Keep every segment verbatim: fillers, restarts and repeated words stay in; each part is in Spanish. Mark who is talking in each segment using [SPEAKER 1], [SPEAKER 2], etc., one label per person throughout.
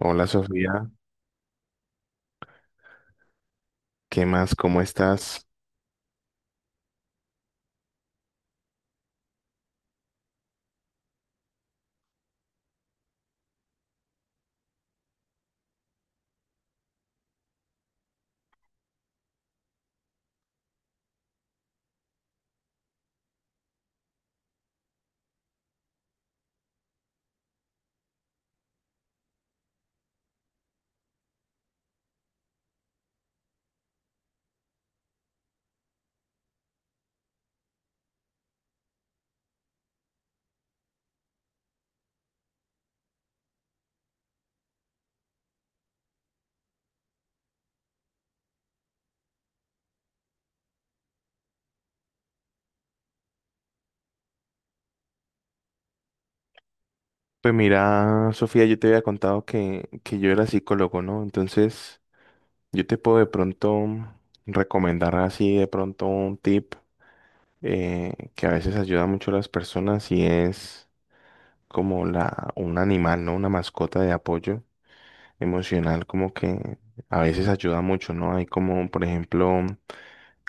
[SPEAKER 1] Hola Sofía, ¿qué más? ¿Cómo estás? Pues mira, Sofía, yo te había contado que, que yo era psicólogo, ¿no? Entonces, yo te puedo de pronto recomendar así de pronto un tip, eh, que a veces ayuda mucho a las personas, y es como la, un animal, ¿no? Una mascota de apoyo emocional, como que a veces ayuda mucho, ¿no? Hay como, por ejemplo,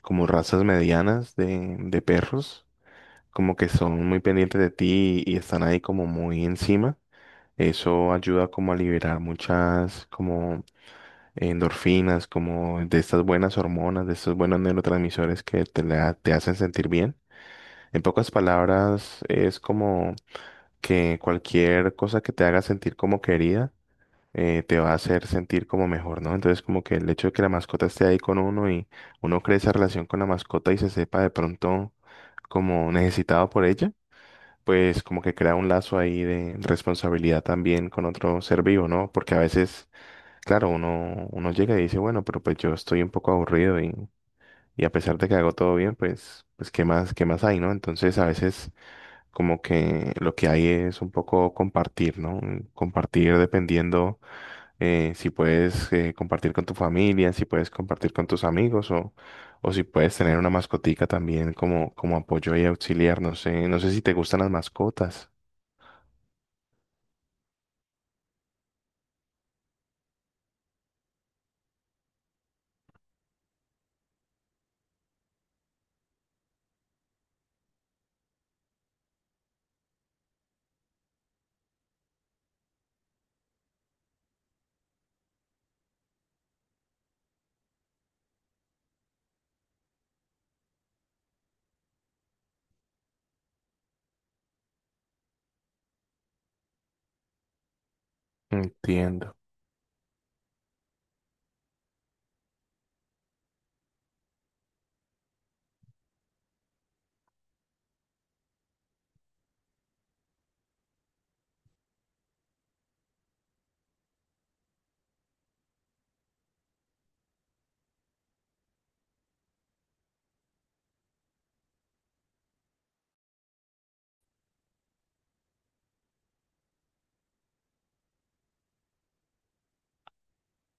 [SPEAKER 1] como razas medianas de, de perros. Como que son muy pendientes de ti y están ahí como muy encima. Eso ayuda como a liberar muchas como endorfinas, como de estas buenas hormonas, de estos buenos neurotransmisores que te, la- te hacen sentir bien. En pocas palabras, es como que cualquier cosa que te haga sentir como querida, eh, te va a hacer sentir como mejor, ¿no? Entonces, como que el hecho de que la mascota esté ahí con uno, y uno cree esa relación con la mascota y se sepa de pronto como necesitado por ella, pues como que crea un lazo ahí de responsabilidad también con otro ser vivo, ¿no? Porque a veces, claro, uno, uno llega y dice, bueno, pero pues yo estoy un poco aburrido, y, y a pesar de que hago todo bien, pues, pues ¿qué más, qué más hay?, ¿no? Entonces a veces como que lo que hay es un poco compartir, ¿no? Compartir dependiendo, eh, si puedes, eh, compartir con tu familia, si puedes compartir con tus amigos, o, o si puedes tener una mascotica también como, como apoyo y auxiliar. No sé, no sé si te gustan las mascotas. Entiendo.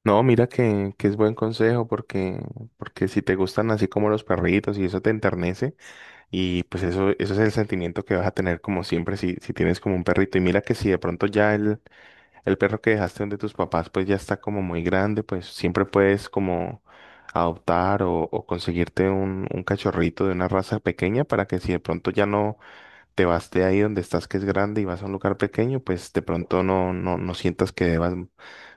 [SPEAKER 1] No, mira que, que es buen consejo porque, porque si te gustan así como los perritos y eso te enternece, y pues eso, eso es el sentimiento que vas a tener como siempre si, si tienes como un perrito. Y mira que si de pronto ya el, el perro que dejaste donde tus papás pues ya está como muy grande, pues siempre puedes como adoptar o, o conseguirte un, un cachorrito de una raza pequeña, para que si de pronto ya no te vas de ahí donde estás, que es grande, y vas a un lugar pequeño, pues de pronto no, no, no sientas que debas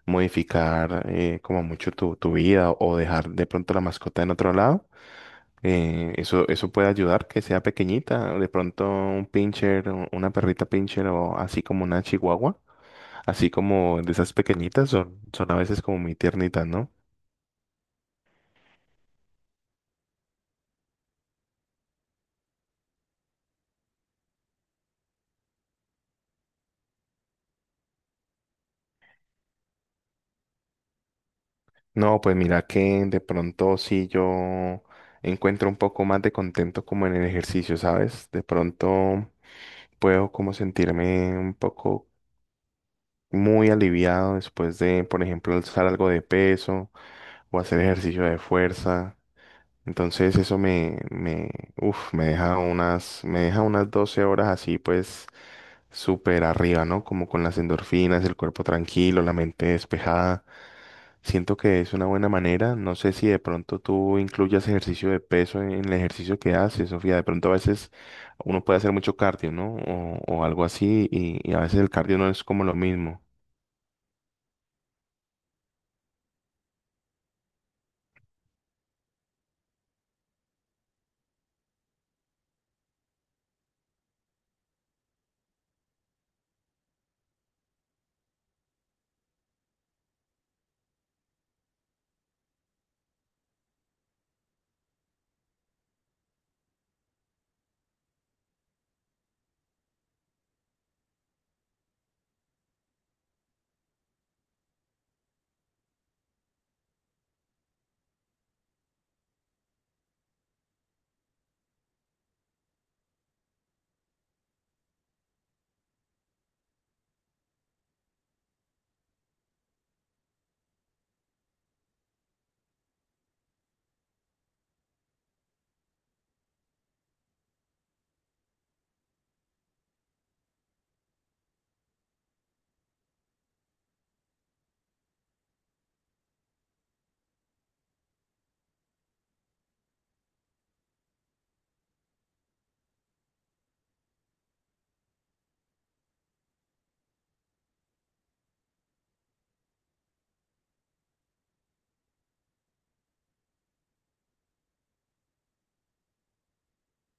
[SPEAKER 1] modificar, eh, como mucho tu, tu vida, o dejar de pronto la mascota en otro lado. Eh, eso, eso puede ayudar que sea pequeñita, de pronto un pincher, un- una perrita pincher, o así como una chihuahua, así como de esas pequeñitas son, son a veces como muy tiernitas, ¿no? No, pues mira que de pronto sí yo encuentro un poco más de contento como en el ejercicio, ¿sabes? De pronto puedo como sentirme un poco muy aliviado después de, por ejemplo, alzar algo de peso o hacer ejercicio de fuerza. Entonces eso me, me, uf, me deja unas, me deja unas doce horas así, pues súper arriba, ¿no? Como con las endorfinas, el cuerpo tranquilo, la mente despejada. Siento que es una buena manera. No sé si de pronto tú incluyas ejercicio de peso en el ejercicio que haces, Sofía. De pronto a veces uno puede hacer mucho cardio, ¿no? O, o algo así, y, y a veces el cardio no es como lo mismo.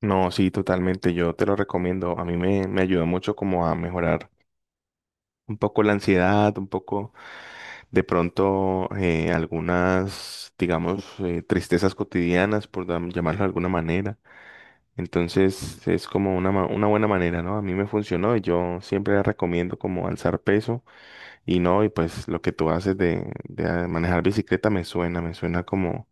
[SPEAKER 1] No, sí, totalmente. Yo te lo recomiendo. A mí me, me ayudó mucho como a mejorar un poco la ansiedad, un poco de pronto, eh, algunas, digamos, eh, tristezas cotidianas, por dam- llamarlo de alguna manera. Entonces es como una, ma- una buena manera, ¿no? A mí me funcionó y yo siempre recomiendo como alzar peso. Y no, y pues lo que tú haces de, de ah, manejar bicicleta me suena, me suena como,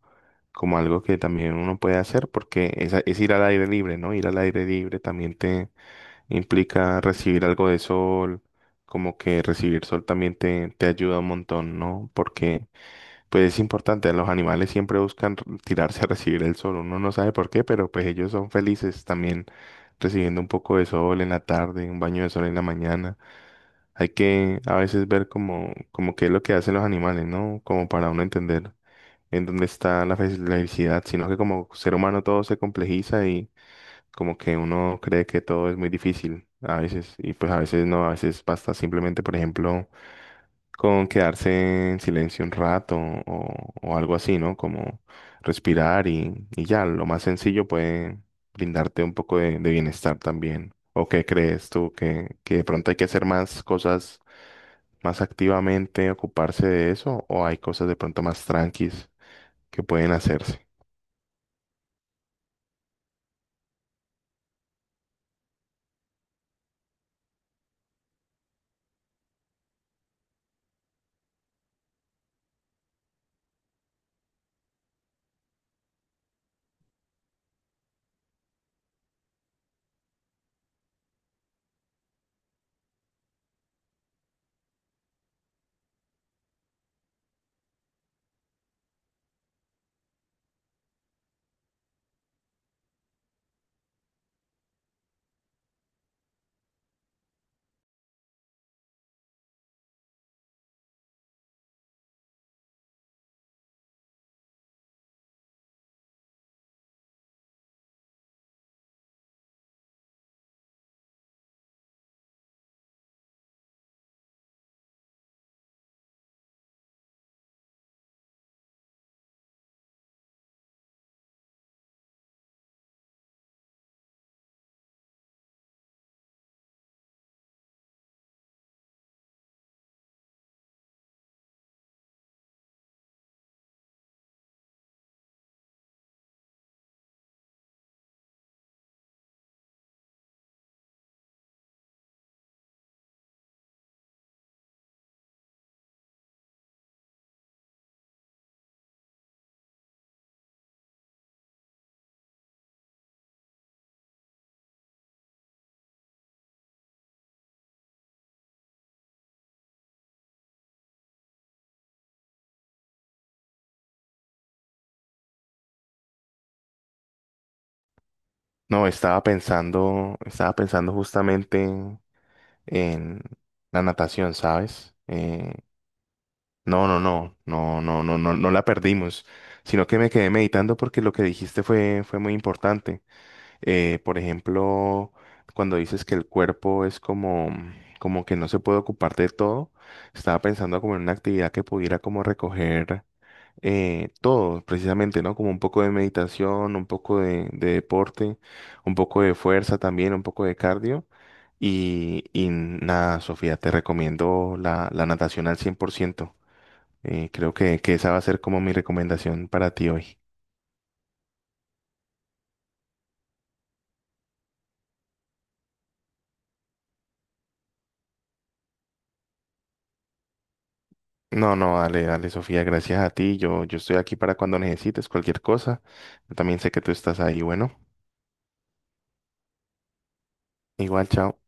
[SPEAKER 1] como algo que también uno puede hacer porque es, a- es ir al aire libre, ¿no? Ir al aire libre también te implica recibir algo de sol, como que recibir sol también te, te ayuda un montón, ¿no? Porque pues es importante, los animales siempre buscan r- tirarse a recibir el sol, uno no sabe por qué, pero pues ellos son felices también recibiendo un poco de sol en la tarde, un baño de sol en la mañana. Hay que a veces ver como, como qué es lo que hacen los animales, ¿no? Como para uno entender en dónde está la fe- la felicidad, sino que como ser humano todo se complejiza, como que uno cree que todo es muy difícil a veces, y pues a veces no, a veces basta simplemente, por ejemplo, con quedarse en silencio un rato, o, o algo así, ¿no? Como respirar y, y ya, lo más sencillo puede brindarte un poco de, de bienestar también. ¿O qué crees tú? ¿Que, que de pronto hay que hacer más cosas más activamente, ocuparse de eso? ¿O hay cosas de pronto más tranquis que pueden hacerse? No, estaba pensando, estaba pensando justamente en la natación, ¿sabes? Eh, no, no, no, no, no, no, no, no la perdimos, sino que me quedé meditando porque lo que dijiste fue, fue muy importante. Eh, por ejemplo, cuando dices que el cuerpo es como, como que no se puede ocupar de todo, estaba pensando como en una actividad que pudiera como recoger, eh, todo, precisamente, ¿no? Como un poco de meditación, un poco de, de deporte, un poco de fuerza también, un poco de cardio. Y, y nada, Sofía, te recomiendo la, la natación al cien por ciento. Eh, creo que, que esa va a ser como mi recomendación para ti hoy. No, no, dale, dale, Sofía, gracias a ti. Yo, yo estoy aquí para cuando necesites cualquier cosa. Yo también sé que tú estás ahí. Bueno, igual, chao.